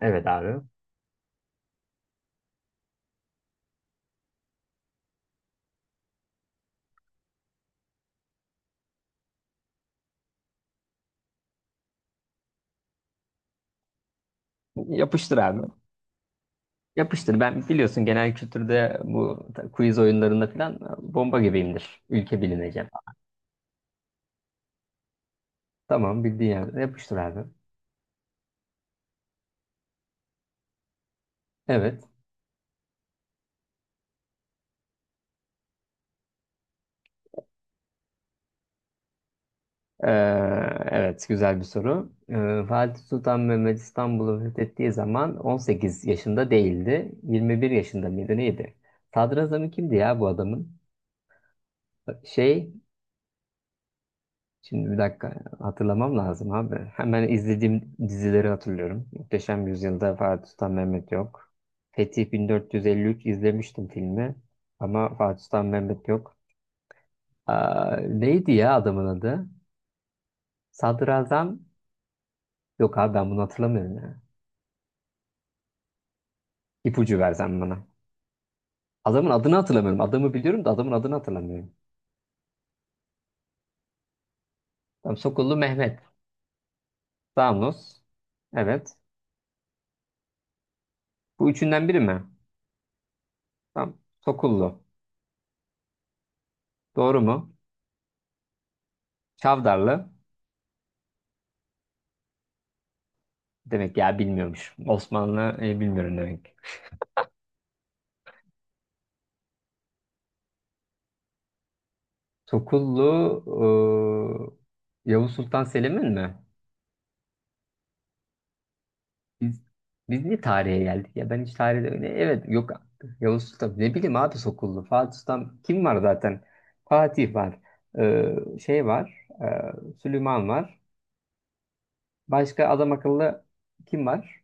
Evet abi. Yapıştır abi. Yapıştır. Ben biliyorsun genel kültürde bu quiz oyunlarında falan bomba gibiyimdir. Ülke bilineceğim. Tamam bildiğin yerde yapıştır abi. Evet. Ee, evet güzel bir soru. Fatih Sultan Mehmet İstanbul'u fethettiği zaman 18 yaşında değildi. 21 yaşında mıydı neydi? Sadrazamı kimdi ya bu adamın? Şey Şimdi bir dakika hatırlamam lazım abi. Hemen izlediğim dizileri hatırlıyorum. Muhteşem Yüzyıl'da Fatih Sultan Mehmet yok. Fetih 1453 izlemiştim filmi. Ama Fatih Sultan Mehmet yok. Aa, neydi ya adamın adı? Sadrazam. Yok abi ben bunu hatırlamıyorum ya. İpucu versen bana. Adamın adını hatırlamıyorum. Adamı biliyorum da adamın adını hatırlamıyorum. Tamam Sokullu Mehmet. Damlos. Evet. Bu üçünden biri mi? Tamam. Sokullu. Doğru mu? Çavdarlı. Demek ya bilmiyormuş. Osmanlı bilmiyorum demek. Sokullu Yavuz Sultan Selim'in mi? Biz biz niye tarihe geldik ya? Ben hiç tarihte öyle evet yok. Yavuz Sultan ne bileyim abi Sokullu. Fatih Sultan kim var zaten? Fatih var. Şey var. Süleyman var. Başka adam akıllı kim var?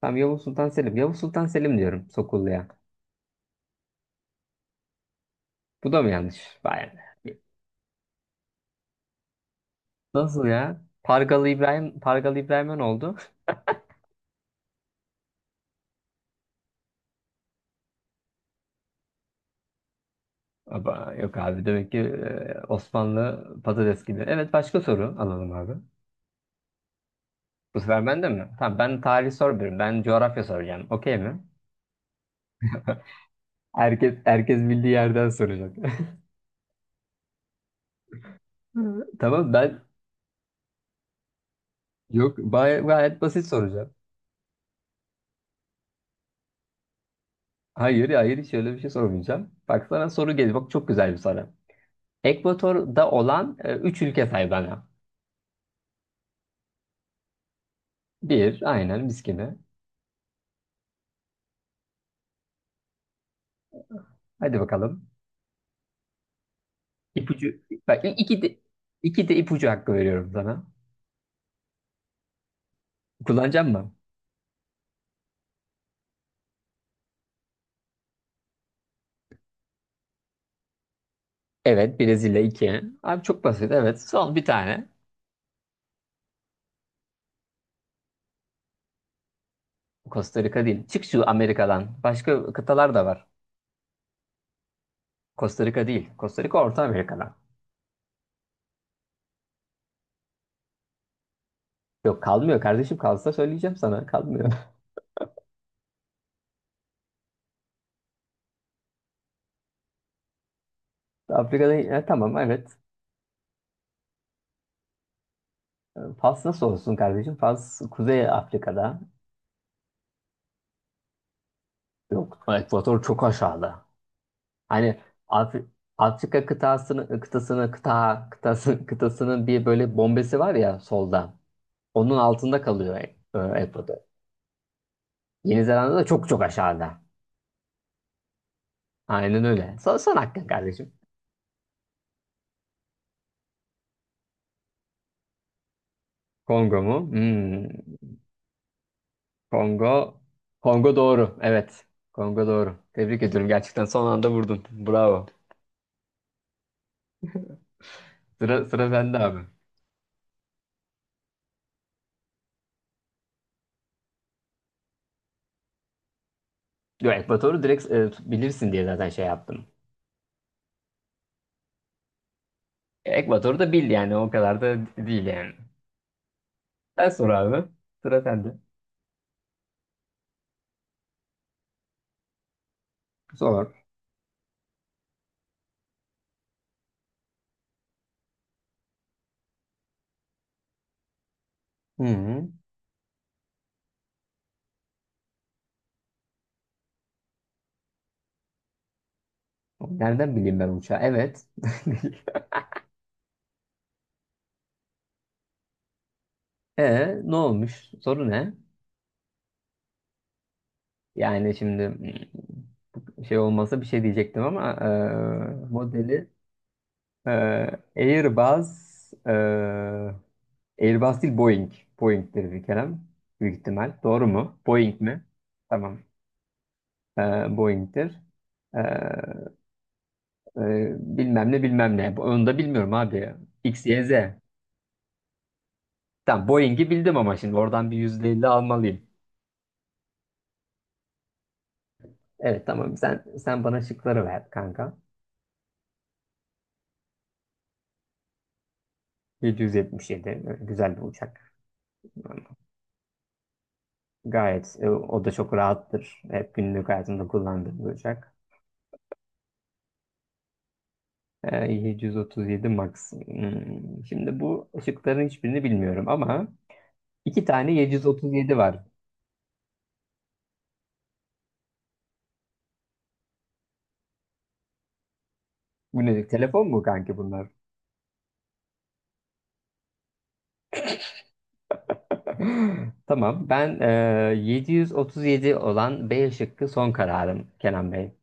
Tamam Yavuz Sultan Selim. Yavuz Sultan Selim diyorum Sokullu'ya. Bu da mı yanlış? Vay be. Nasıl ya? Pargalı İbrahim, Pargalı İbrahim'e ne oldu? Aba, yok abi demek ki Osmanlı patates gibi. Evet başka soru alalım abi. Bu sefer bende mi? Tamam ben tarih sormuyorum. Ben coğrafya soracağım. Okey mi? Herkes bildiği yerden soracak. Tamam ben yok bay- gayet basit soracağım. Hayır hayır hiç öyle bir şey sormayacağım. Bak sana soru geliyor. Bak çok güzel bir soru. Ekvator'da olan üç ülke say bana. Bir aynen mis gibi. Hadi bakalım. İpucu. Bak iki de ipucu hakkı veriyorum sana. Kullanacağım mı? Evet Brezilya 2. Abi çok basit evet. Son bir tane. Costa Rica değil. Çık şu Amerika'dan. Başka kıtalar da var. Costa Rica değil. Costa Rica Orta Amerika'dan. Yok kalmıyor kardeşim kalsa söyleyeceğim sana. Kalmıyor. Afrika'dan tamam evet. Fas nasıl olsun kardeşim? Fas Kuzey Afrika'da. Yok Ekvator çok aşağıda. Hani Afri- Afrika kıtasının bir böyle bombesi var ya solda. Onun altında kalıyor Ekvator. Yeni Zelanda da çok çok aşağıda. Aynen öyle. Son, son hakkın kardeşim. Kongo mu? Hmm. Kongo. Kongo doğru. Evet. Kongo doğru. Tebrik ediyorum. Gerçekten son anda vurdun. Bravo. Sıra, sıra bende abi. Yo, Ekvador'u direkt bilirsin diye zaten şey yaptım. Ekvador'u da bil yani. O kadar da değil yani. Sen sor abi. Sıra sende. Sor. Hı hı. Nereden bileyim ben uçağı? Evet. E ne olmuş? Soru ne? Yani şimdi şey olmasa bir şey diyecektim ama modeli. Ee, Airbus, ee, Airbus değil Boeing. Boeing'tir bir kere. Büyük ihtimal. Doğru mu? Boeing mi? Tamam. Boeing'tir. Ee, bilmem ne bilmem ne. Onu da bilmiyorum abi. X, Y, Z. Tamam Boeing'i bildim ama şimdi oradan bir %50 almalıyım. Evet tamam sen bana şıkları ver kanka. 777 böyle güzel bir uçak. Gayet o da çok rahattır. Hep günlük hayatımda kullandığım bir uçak. 737 Max. Şimdi bu ışıkların hiçbirini bilmiyorum ama iki tane 737 var. Bu ne? Telefon mu kanki bunlar? Tamam. Ben 737 olan B şıkkı son kararım Kenan Bey.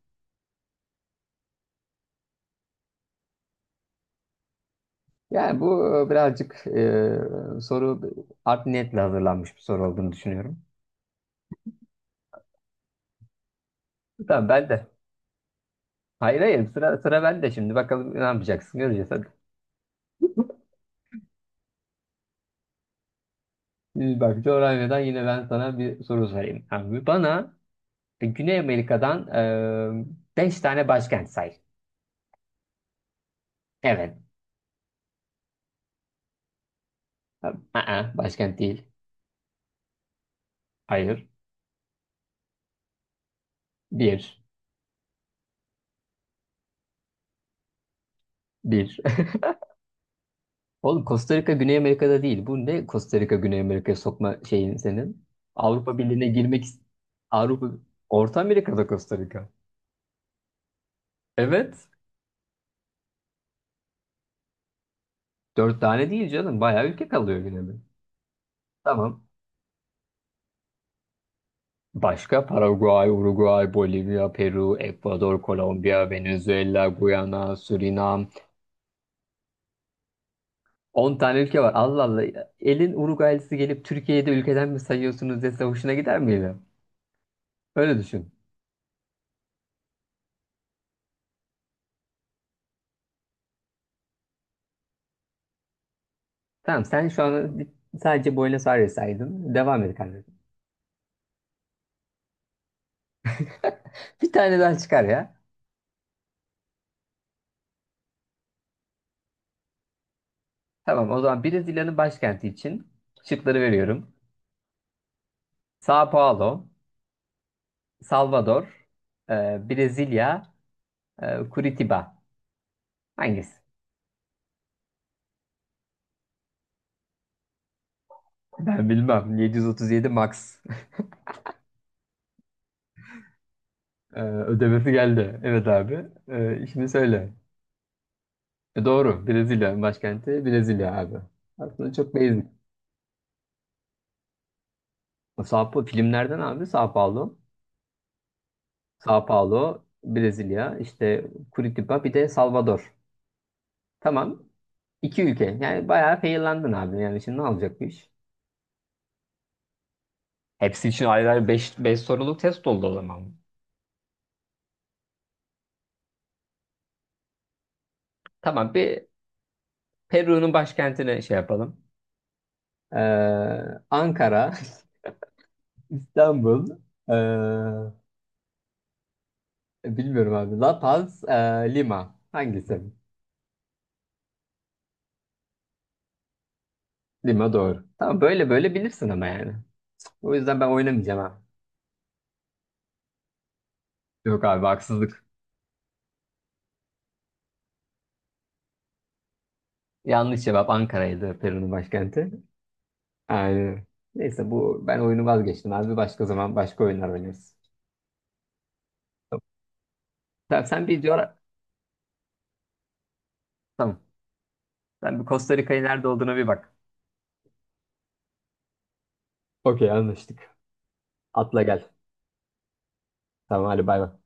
Yani bu birazcık soru art niyetle hazırlanmış bir soru olduğunu düşünüyorum. Tamam ben de. Hayır hayır sıra bende şimdi. Bakalım ne yapacaksın göreceğiz hadi. Şimdi bak coğrafyadan yine ben sana bir soru sorayım. Abi bana Güney Amerika'dan 5 tane başkent say. Evet. Aa, başkent değil. Hayır. Bir. Bir. Oğlum Costa Rica Güney Amerika'da değil. Bu ne Costa Rica Güney Amerika'ya sokma şeyin senin? Avrupa Birliği'ne girmek ist- Avrupa Orta Amerika'da Costa Rica. Evet. Dört tane değil canım. Bayağı ülke kalıyor Güney Amerika. Tamam. Başka Paraguay, Uruguay, Bolivya, Peru, Ekvador, Kolombiya, Venezuela, Guyana, Surinam, 10 tane ülke var. Allah Allah. Elin Uruguaylısı gelip Türkiye'yi de ülkeden mi sayıyorsunuz dese hoşuna gider miydi? Öyle düşün. Tamam sen şu an sadece Buenos Aires saydın. Devam et kardeşim. Bir tane daha çıkar ya. Tamam o zaman Brezilya'nın başkenti için şıkları veriyorum. São Paulo, Salvador, Brezilya, Curitiba. Hangisi? Ben bilmem. 737 Max. E, ödemesi geldi. Evet abi. E, şimdi söyle. E doğru. Brezilya başkenti Brezilya abi. Aslında çok basic. Sao Paulo filmlerden abi Sao Paulo. Sao Paulo, Brezilya, işte Curitiba bir de Salvador. Tamam. İki ülke. Yani bayağı feyirlandın abi. Yani şimdi ne olacak bu iş? Hepsi için ayrı ayrı beş beş soruluk test oldu o zaman. Tamam bir Peru'nun başkentine şey yapalım. Ee, Ankara, İstanbul, ee, bilmiyorum abi. La Paz, Lima. Hangisi? Lima doğru. Tamam böyle böyle bilirsin ama yani. O yüzden ben oynamayacağım ha. Yok abi haksızlık. Yanlış cevap Ankara'ydı Peru'nun başkenti. Aynen. Neyse bu ben oyunu vazgeçtim abi. Başka zaman başka oyunlar oynarız. Tamam. Sen bir coğra-. Tamam. Sen bir Costa Rica'yı nerede olduğuna bir bak. Okey anlaştık. Atla gel. Tamam hadi bay bay.